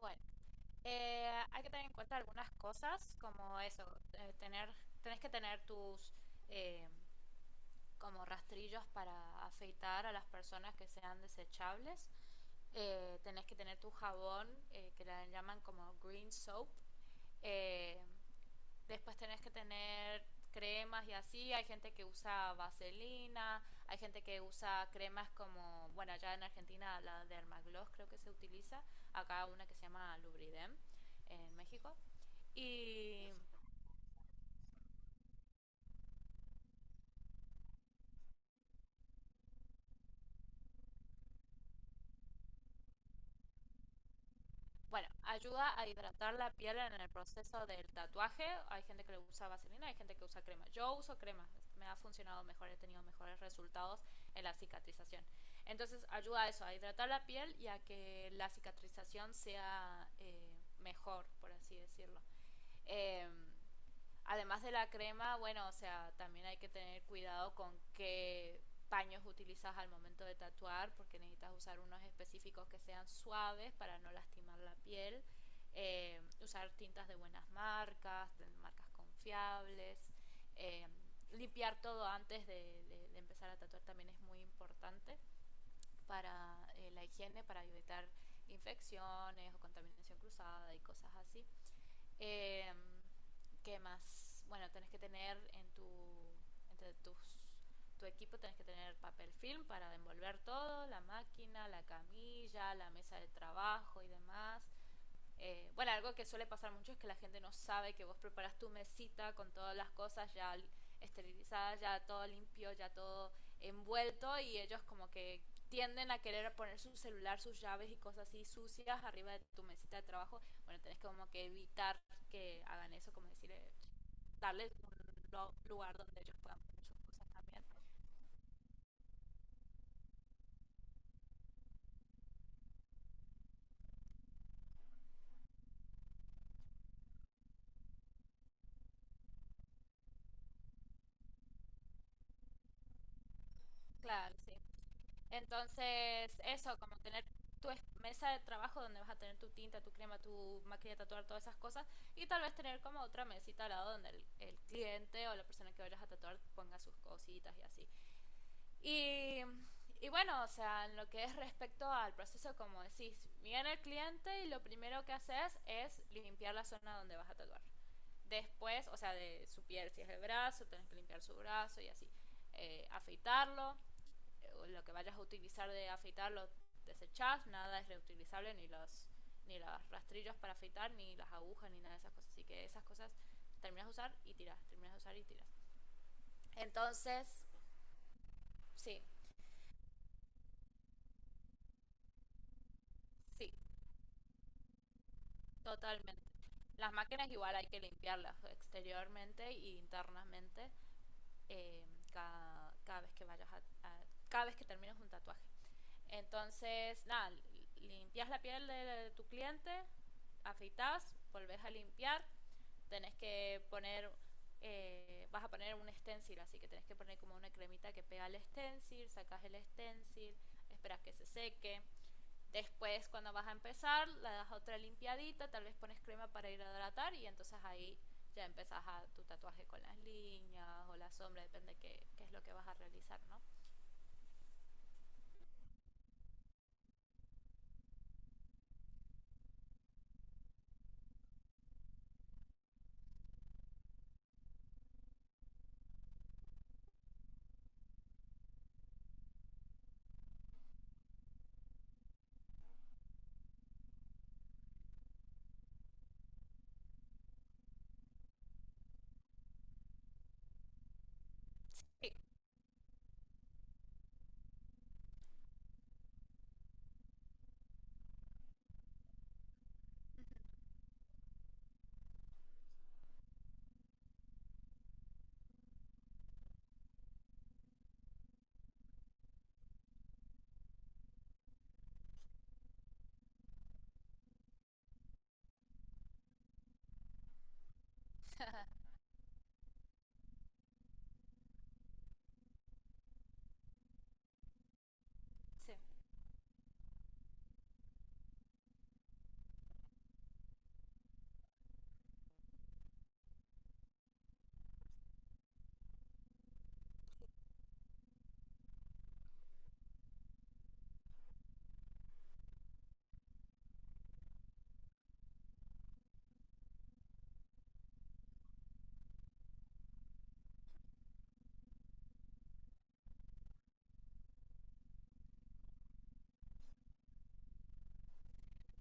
Bueno, hay que tener en cuenta algunas cosas, como eso, eh, tener, tenés que tener tus eh, como rastrillos para afeitar a las personas que sean desechables. Tenés que tener tu jabón, que la llaman como green soap. Eh, Después tenés que tener cremas y así. Hay gente que usa vaselina, hay gente que usa cremas como, bueno, allá en Argentina la de Hermagloss creo que se utiliza. Acá una que se llama Lubridem en México. Y Bueno, ayuda a hidratar la piel en el proceso del tatuaje. Hay gente que le usa vaselina, hay gente que usa crema. Yo uso crema, me ha funcionado mejor, he tenido mejores resultados en la cicatrización. Entonces ayuda a eso, a hidratar la piel y a que la cicatrización sea mejor, por así decirlo. Eh, Además de la crema, bueno, o sea, también hay que tener cuidado con qué paños utilizas al momento de tatuar, porque necesitas usar unos específicos que sean suaves para no lastimar la piel, usar tintas de buenas marcas, de marcas confiables, eh, limpiar todo antes de empezar a tatuar también es muy importante para la higiene, para evitar infecciones o contaminación cruzada y cosas así. Eh, ¿Qué más? Bueno, tenés que tener en tu entre tus tu equipo tenés que tener papel film para envolver todo, la máquina, la camilla, la mesa de trabajo y demás. Bueno, algo que suele pasar mucho es que la gente no sabe que vos preparas tu mesita con todas las cosas ya esterilizadas, ya todo limpio, ya todo envuelto y ellos como que tienden a querer poner su celular, sus llaves y cosas así sucias arriba de tu mesita de trabajo. Bueno, tenés como que evitar que hagan eso, como decir, darles un lugar donde ellos puedan poner sus cosas también. Claro, sí. Entonces, eso, como tener tu mesa de trabajo donde vas a tener tu tinta, tu crema, tu máquina de tatuar, todas esas cosas, y tal vez tener como otra mesita al lado donde el cliente o la persona que vayas a tatuar ponga sus cositas y así. Y, y bueno, o sea, en lo que es respecto al proceso, como decís, viene el cliente y lo primero que haces es limpiar la zona donde vas a tatuar. Después, o sea, de su piel, si es el brazo, tenés que limpiar su brazo y así. Afeitarlo, lo que vayas a utilizar de afeitar lo desechás, nada es reutilizable, ni los rastrillos para afeitar, ni las agujas, ni nada de esas cosas. Así que esas cosas terminas de usar y tiras, terminas de usar y tiras. Entonces, sí, sí, totalmente. Las máquinas igual hay que limpiarlas exteriormente e internamente cada vez que vayas cada vez que termines un tatuaje. Entonces, nada, limpias la piel de tu cliente, afeitas, volvés a limpiar, tenés que poner, vas a poner un stencil, así que tenés que poner como una cremita que pega el stencil, sacas el stencil, esperas que se seque. Después, cuando vas a empezar, le das otra limpiadita, tal vez pones crema para hidratar y entonces ahí ya empezás a tu tatuaje con las líneas o la sombra, depende qué es lo que vas a realizar, ¿no? Sí, sí.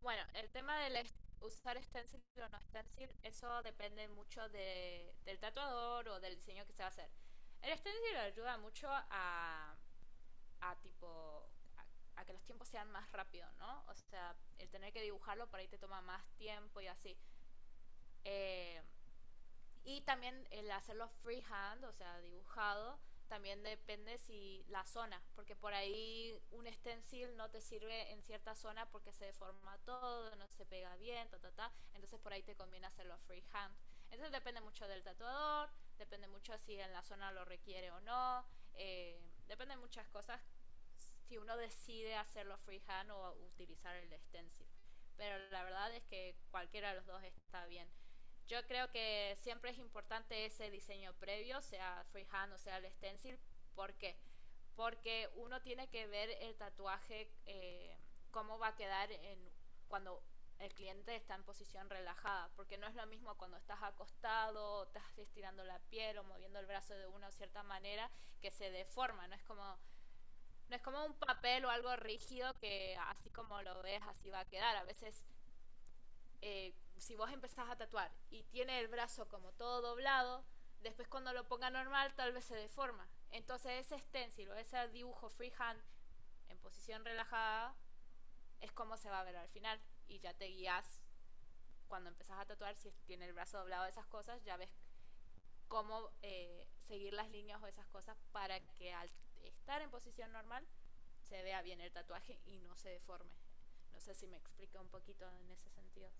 Bueno, el tema del est- usar stencil o no stencil, eso depende mucho del tatuador o del diseño que se va a hacer. El stencil ayuda mucho a tipo a, a que los tiempos sean más rápidos, ¿no? O sea, el tener que dibujarlo por ahí te toma más tiempo y así. Eh, y también el hacerlo freehand, o sea, dibujado, también depende si la zona, porque por ahí un stencil no te sirve en cierta zona porque se deforma todo, no se pega bien, ta, ta, ta. Entonces por ahí te conviene hacerlo freehand. Entonces depende mucho del tatuador, depende mucho si en la zona lo requiere o no, eh, depende de muchas cosas si uno decide hacerlo freehand o utilizar el stencil. Pero la verdad es que cualquiera de los dos está bien, yo creo que siempre es importante ese diseño previo, sea freehand o sea el stencil. ¿Por qué? Porque uno tiene que ver el tatuaje, cómo va a quedar en, cuando el cliente está en posición relajada, porque no es lo mismo cuando estás acostado, o estás estirando la piel o moviendo el brazo de una cierta manera que se deforma, no es como un papel o algo rígido que así como lo ves así va a quedar. A veces si vos empezás a tatuar y tiene el brazo como todo doblado, después cuando lo ponga normal tal vez se deforma. Entonces ese stencil o ese dibujo freehand en posición relajada es como se va a ver al final y ya te guías cuando empezás a tatuar, si tiene el brazo doblado, esas cosas, ya ves cómo seguir las líneas o esas cosas para que al estar en posición normal se vea bien el tatuaje y no se deforme. No sé si me explica un poquito en ese sentido.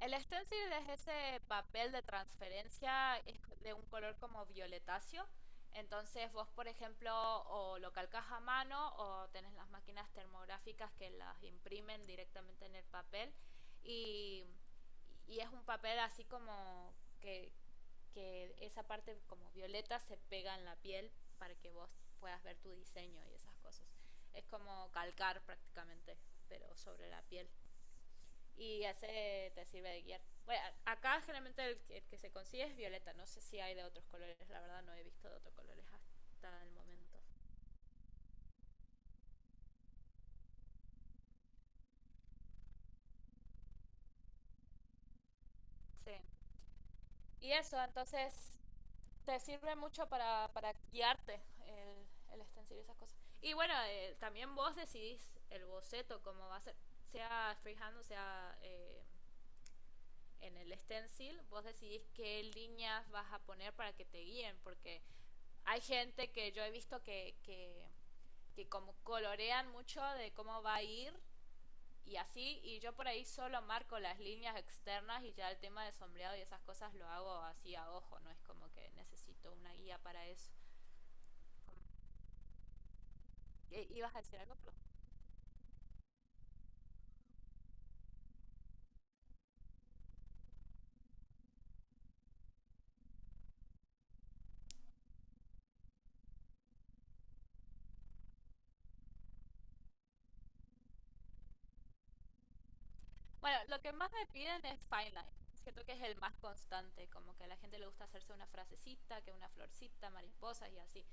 El stencil es ese papel de transferencia, es de un color como violetáceo. Entonces vos, por ejemplo, o lo calcas a mano o tenés las máquinas termográficas que las imprimen directamente en el papel y, y es un papel así como que, que esa parte como violeta se pega en la piel para que vos puedas ver tu diseño y esas cosas. Es como calcar prácticamente, pero sobre la piel y ese te sirve de guía. Bueno, acá generalmente el que se consigue es violeta, no sé si hay de otros colores, la verdad no he visto de otros colores hasta el momento. Sí. Y eso, entonces te sirve mucho para guiarte el stencil y esas cosas. Y bueno, también vos decidís el boceto, cómo va a ser, sea freehand o sea en el stencil, vos decidís qué líneas vas a poner para que te guíen, porque hay gente que yo he visto que como colorean mucho de cómo va a ir y así, y yo por ahí solo marco las líneas externas y ya el tema de sombreado y esas cosas lo hago así a ojo, no es como que necesito una guía para eso. ¿Ibas a decir algo? Perdón. Bueno, lo que más me piden es fine line. Siento que es el más constante, como que a la gente le gusta hacerse una frasecita, que una florcita, mariposas y así.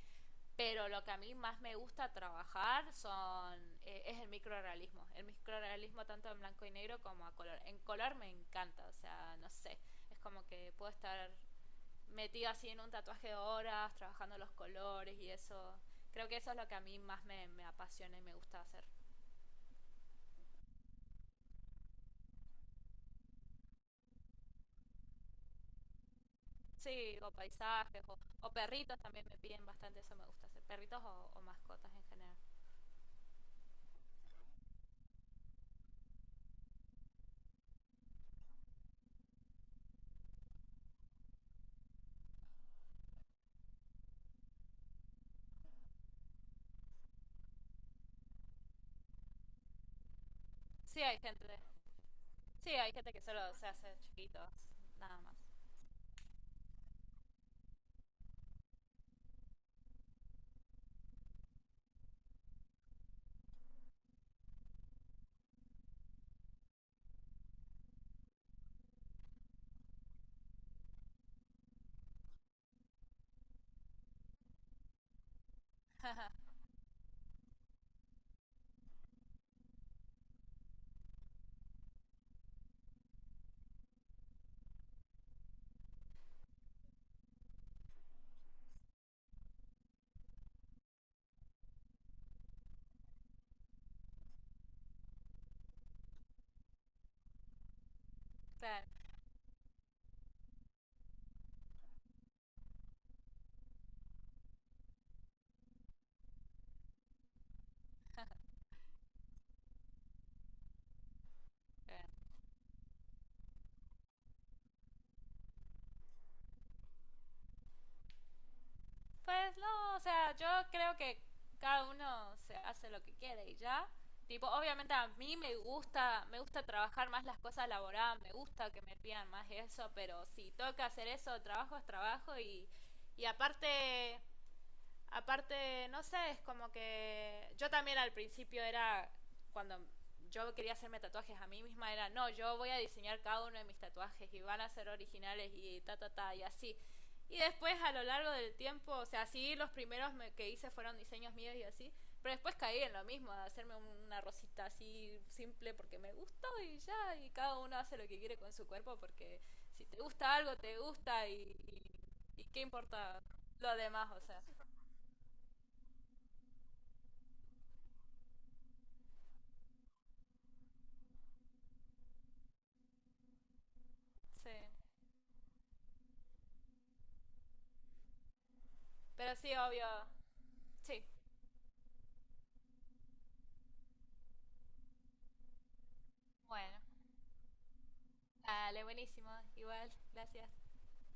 Pero lo que a mí más me gusta trabajar son es el microrealismo. El microrealismo tanto en blanco y negro como a color. En color me encanta, o sea, no sé, es como que puedo estar metido así en un tatuaje de horas, trabajando los colores y eso. Creo que eso es lo que a mí más me, me apasiona y me gusta hacer. Sí, o paisajes, o perritos también me piden bastante, eso me gusta hacer. Perritos o mascotas en general. Sí, hay gente, sí, hay gente que solo se hace chiquitos, nada más. Claro, claro. Pues no, o sea, yo creo que cada uno se hace lo que quiere y ya. Tipo, obviamente a mí me gusta trabajar más las cosas elaboradas, me gusta que me pidan más eso, pero si toca hacer eso, trabajo es trabajo y, y aparte aparte, no sé, es como que yo también al principio era, cuando yo quería hacerme tatuajes a mí misma, era, no, yo voy a diseñar cada uno de mis tatuajes y van a ser originales y ta, ta, ta, y así. Y después a lo largo del tiempo, o sea, sí, los primeros que hice fueron diseños míos y así, pero después caí en lo mismo, de hacerme una rosita así simple porque me gustó y ya, y cada uno hace lo que quiere con su cuerpo porque si te gusta algo, te gusta y qué importa lo demás, o sea. Sí, pero sí, obvio. Sí, bueno. Dale, buenísimo. Igual, gracias.